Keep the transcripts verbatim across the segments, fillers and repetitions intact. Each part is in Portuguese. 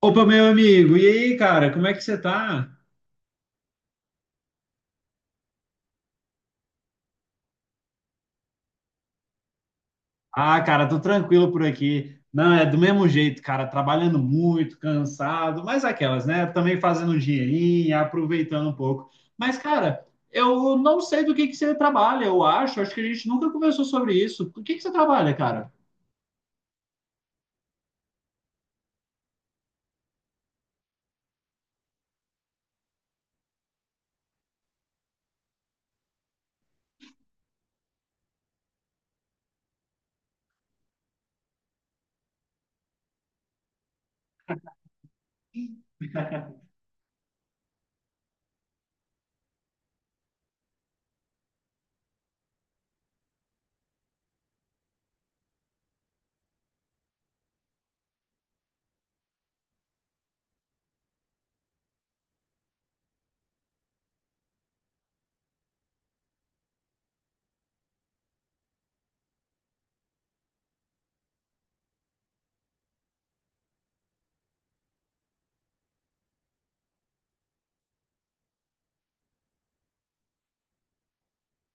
Opa, meu amigo, e aí, cara, como é que você tá? Ah, cara, tô tranquilo por aqui. Não, é do mesmo jeito, cara, trabalhando muito, cansado, mas aquelas, né? Também fazendo um dinheirinho, aproveitando um pouco. Mas, cara, eu não sei do que que você trabalha, eu acho, acho que a gente nunca conversou sobre isso. O que que você trabalha, cara?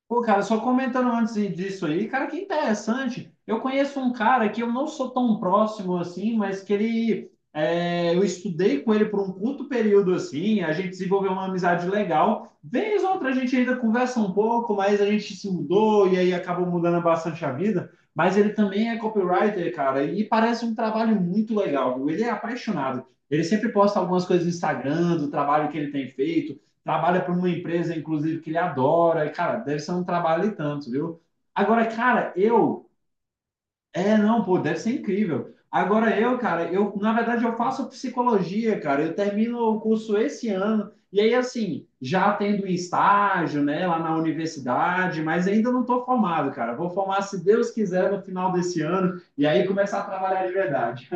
Pô, cara, só comentando antes disso aí, cara, que interessante. Eu conheço um cara que eu não sou tão próximo assim, mas que ele. É, eu estudei com ele por um curto período assim, a gente desenvolveu uma amizade legal. Vez ou outra a gente ainda conversa um pouco, mas a gente se mudou e aí acabou mudando bastante a vida. Mas ele também é copywriter, cara, e parece um trabalho muito legal, viu? Ele é apaixonado. Ele sempre posta algumas coisas no Instagram do trabalho que ele tem feito, trabalha para uma empresa, inclusive, que ele adora. E, cara, deve ser um trabalho e tanto, viu? Agora, cara, eu. É, não, pô, deve ser incrível. Agora eu, cara, eu, na verdade, eu faço psicologia, cara. Eu termino o curso esse ano. E aí, assim, já tendo um estágio, né, lá na universidade, mas ainda não estou formado, cara. Vou formar, se Deus quiser, no final desse ano. E aí começar a trabalhar de verdade.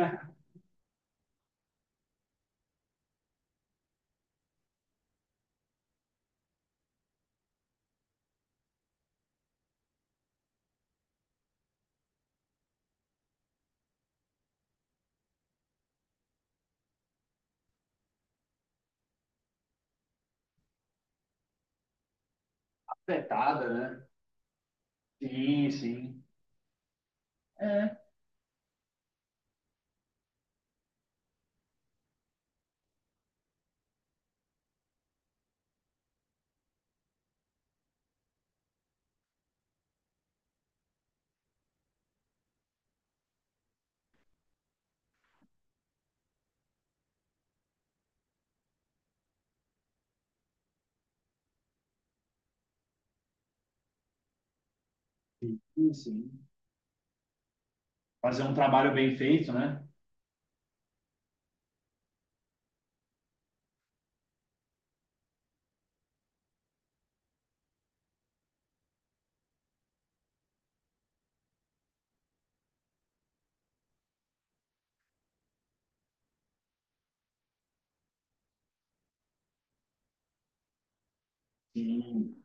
Afetada, né? Sim, sim. É, sim, sim. Fazer um trabalho bem feito, né? Sim.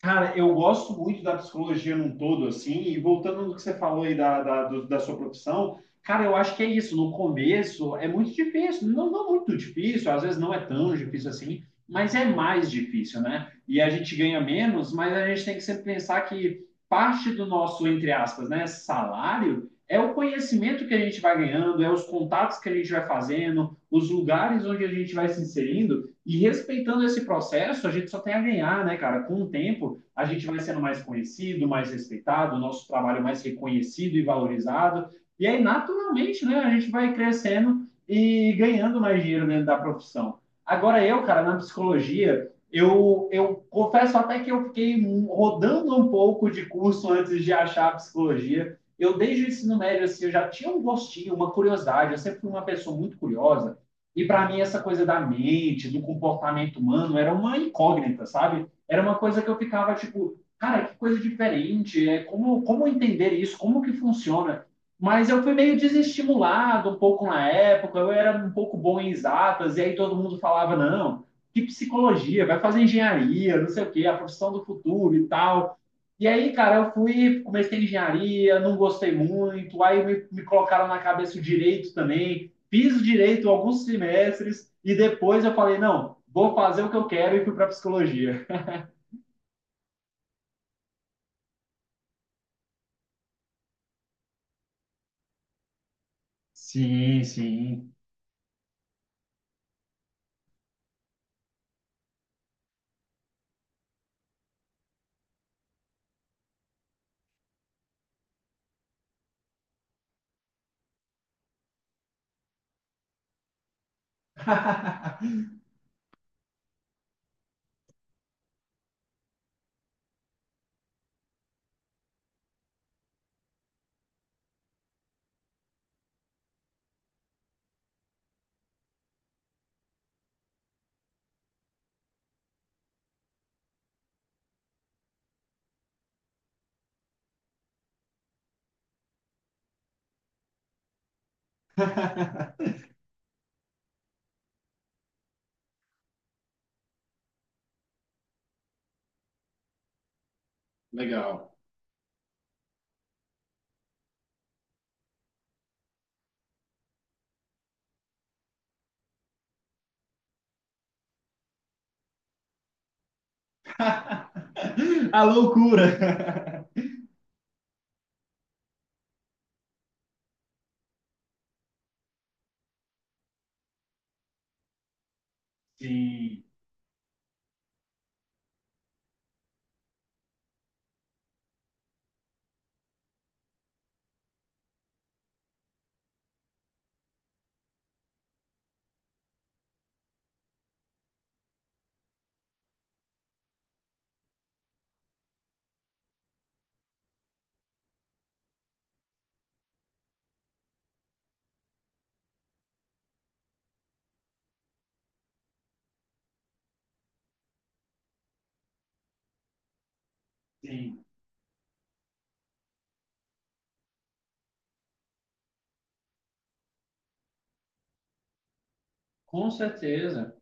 Cara, eu gosto muito da psicologia num todo, assim, e voltando no que você falou aí da, da, do- da sua profissão, cara, eu acho que é isso. No começo é muito difícil, não, não muito difícil, às vezes não é tão difícil assim, mas é mais difícil, né? E a gente ganha menos, mas a gente tem que sempre pensar que parte do nosso, entre aspas, né, salário é o conhecimento que a gente vai ganhando, é os contatos que a gente vai fazendo, os lugares onde a gente vai se inserindo, e respeitando esse processo, a gente só tem a ganhar, né, cara, com o tempo a gente vai sendo mais conhecido, mais respeitado, o nosso trabalho mais reconhecido e valorizado. E aí, naturalmente, né, a gente vai crescendo e ganhando mais dinheiro dentro da profissão. Agora, eu, cara, na psicologia, eu, eu confesso até que eu fiquei rodando um pouco de curso antes de achar a psicologia. Eu, desde o ensino médio, assim, eu já tinha um gostinho, uma curiosidade. Eu sempre fui uma pessoa muito curiosa. E para mim, essa coisa da mente, do comportamento humano, era uma incógnita, sabe? Era uma coisa que eu ficava tipo, cara, que coisa diferente, é, como, como entender isso, como que funciona? Mas eu fui meio desestimulado um pouco na época, eu era um pouco bom em exatas, e aí todo mundo falava, não, que psicologia, vai fazer engenharia, não sei o quê, a profissão do futuro e tal. E aí, cara, eu fui, comecei engenharia, não gostei muito, aí me, me colocaram na cabeça o direito também, fiz direito alguns semestres, e depois eu falei, não, vou fazer o que eu quero e fui para psicologia. Sim, sim. Legal. A loucura. Sim, sim. Com certeza.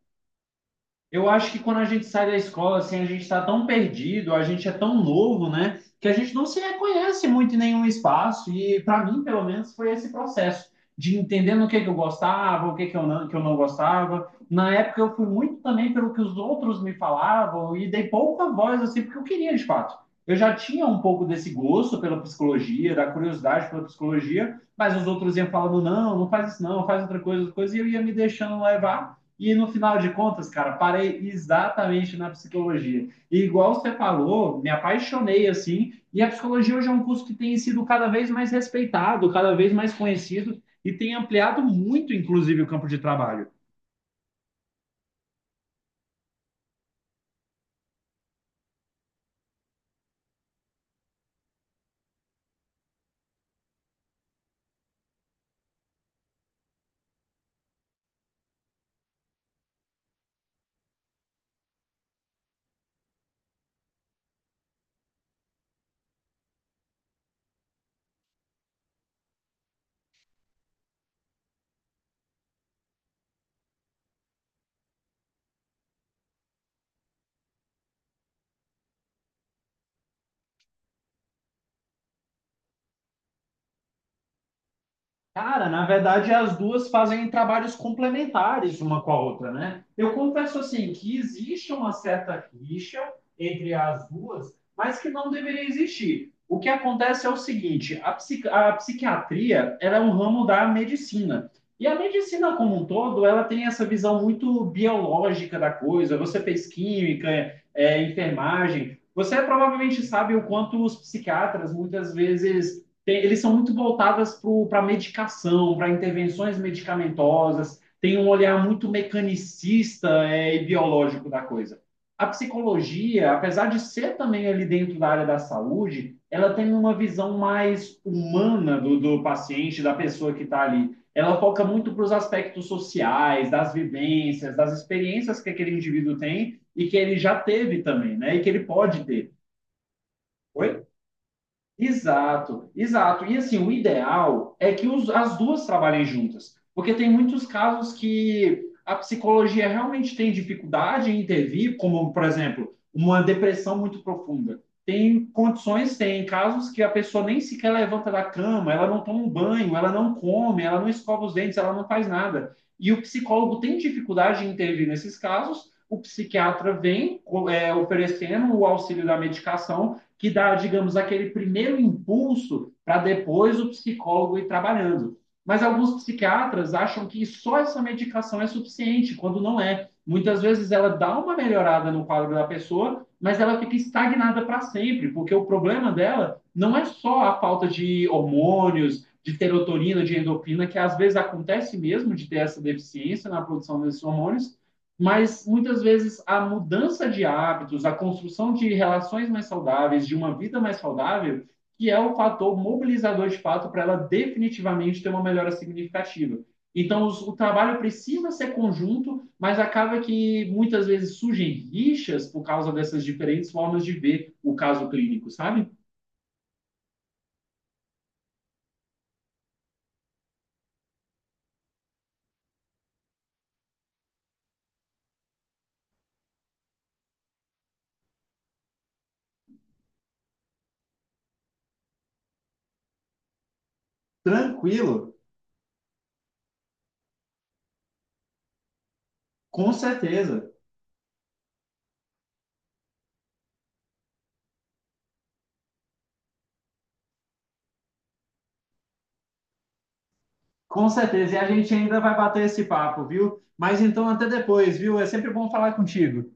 Eu acho que quando a gente sai da escola, assim, a gente está tão perdido, a gente é tão novo, né, que a gente não se reconhece muito em nenhum espaço. E para mim, pelo menos, foi esse processo de entendendo o que que eu gostava, o que que eu não, que eu não gostava. Na época, eu fui muito também pelo que os outros me falavam e dei pouca voz, assim, porque eu queria, de fato. Eu já tinha um pouco desse gosto pela psicologia, da curiosidade pela psicologia, mas os outros iam falando, não, não faz isso não, faz outra coisa, outra coisa, e eu ia me deixando levar e no final de contas, cara, parei exatamente na psicologia. E igual você falou, me apaixonei assim. E a psicologia hoje é um curso que tem sido cada vez mais respeitado, cada vez mais conhecido e tem ampliado muito, inclusive, o campo de trabalho. Cara, na verdade, as duas fazem trabalhos complementares uma com a outra, né? Eu confesso assim que existe uma certa rixa entre as duas, mas que não deveria existir. O que acontece é o seguinte: a, psiqui- a psiquiatria ela é um ramo da medicina. E a medicina como um todo, ela tem essa visão muito biológica da coisa. Você fez química, é, enfermagem. Você provavelmente sabe o quanto os psiquiatras muitas vezes tem- eles são muito voltadas para medicação, para intervenções medicamentosas, tem um olhar muito mecanicista, é, e biológico da coisa. A psicologia, apesar de ser também ali dentro da área da saúde, ela tem uma visão mais humana do, do paciente, da pessoa que está ali. Ela foca muito para os aspectos sociais, das vivências, das experiências que aquele indivíduo tem e que ele já teve também, né? E que ele pode ter. Oi? Exato, exato. E assim, o ideal é que os- as duas trabalhem juntas, porque tem muitos casos que a psicologia realmente tem dificuldade em intervir, como, por exemplo, uma depressão muito profunda. Tem condições, tem casos que a pessoa nem sequer levanta da cama, ela não toma um banho, ela não come, ela não escova os dentes, ela não faz nada. E o psicólogo tem dificuldade em intervir nesses casos, o psiquiatra vem, co- é, oferecendo o auxílio da medicação que dá, digamos, aquele primeiro impulso para depois o psicólogo ir trabalhando. Mas alguns psiquiatras acham que só essa medicação é suficiente, quando não é. Muitas vezes ela dá uma melhorada no quadro da pessoa, mas ela fica estagnada para sempre, porque o problema dela não é só a falta de hormônios, de serotonina, de endorfina, que às vezes acontece mesmo de ter essa deficiência na produção desses hormônios, mas muitas vezes a mudança de hábitos, a construção de relações mais saudáveis, de uma vida mais saudável, que é o fator mobilizador de fato para ela definitivamente ter uma melhora significativa. Então, os, o trabalho precisa ser conjunto, mas acaba que muitas vezes surgem rixas por causa dessas diferentes formas de ver o caso clínico, sabe? Tranquilo, com certeza. Com certeza. E a gente ainda vai bater esse papo, viu? Mas então, até depois, viu? É sempre bom falar contigo.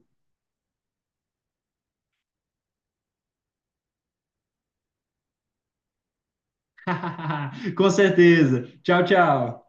Com certeza. Tchau, tchau.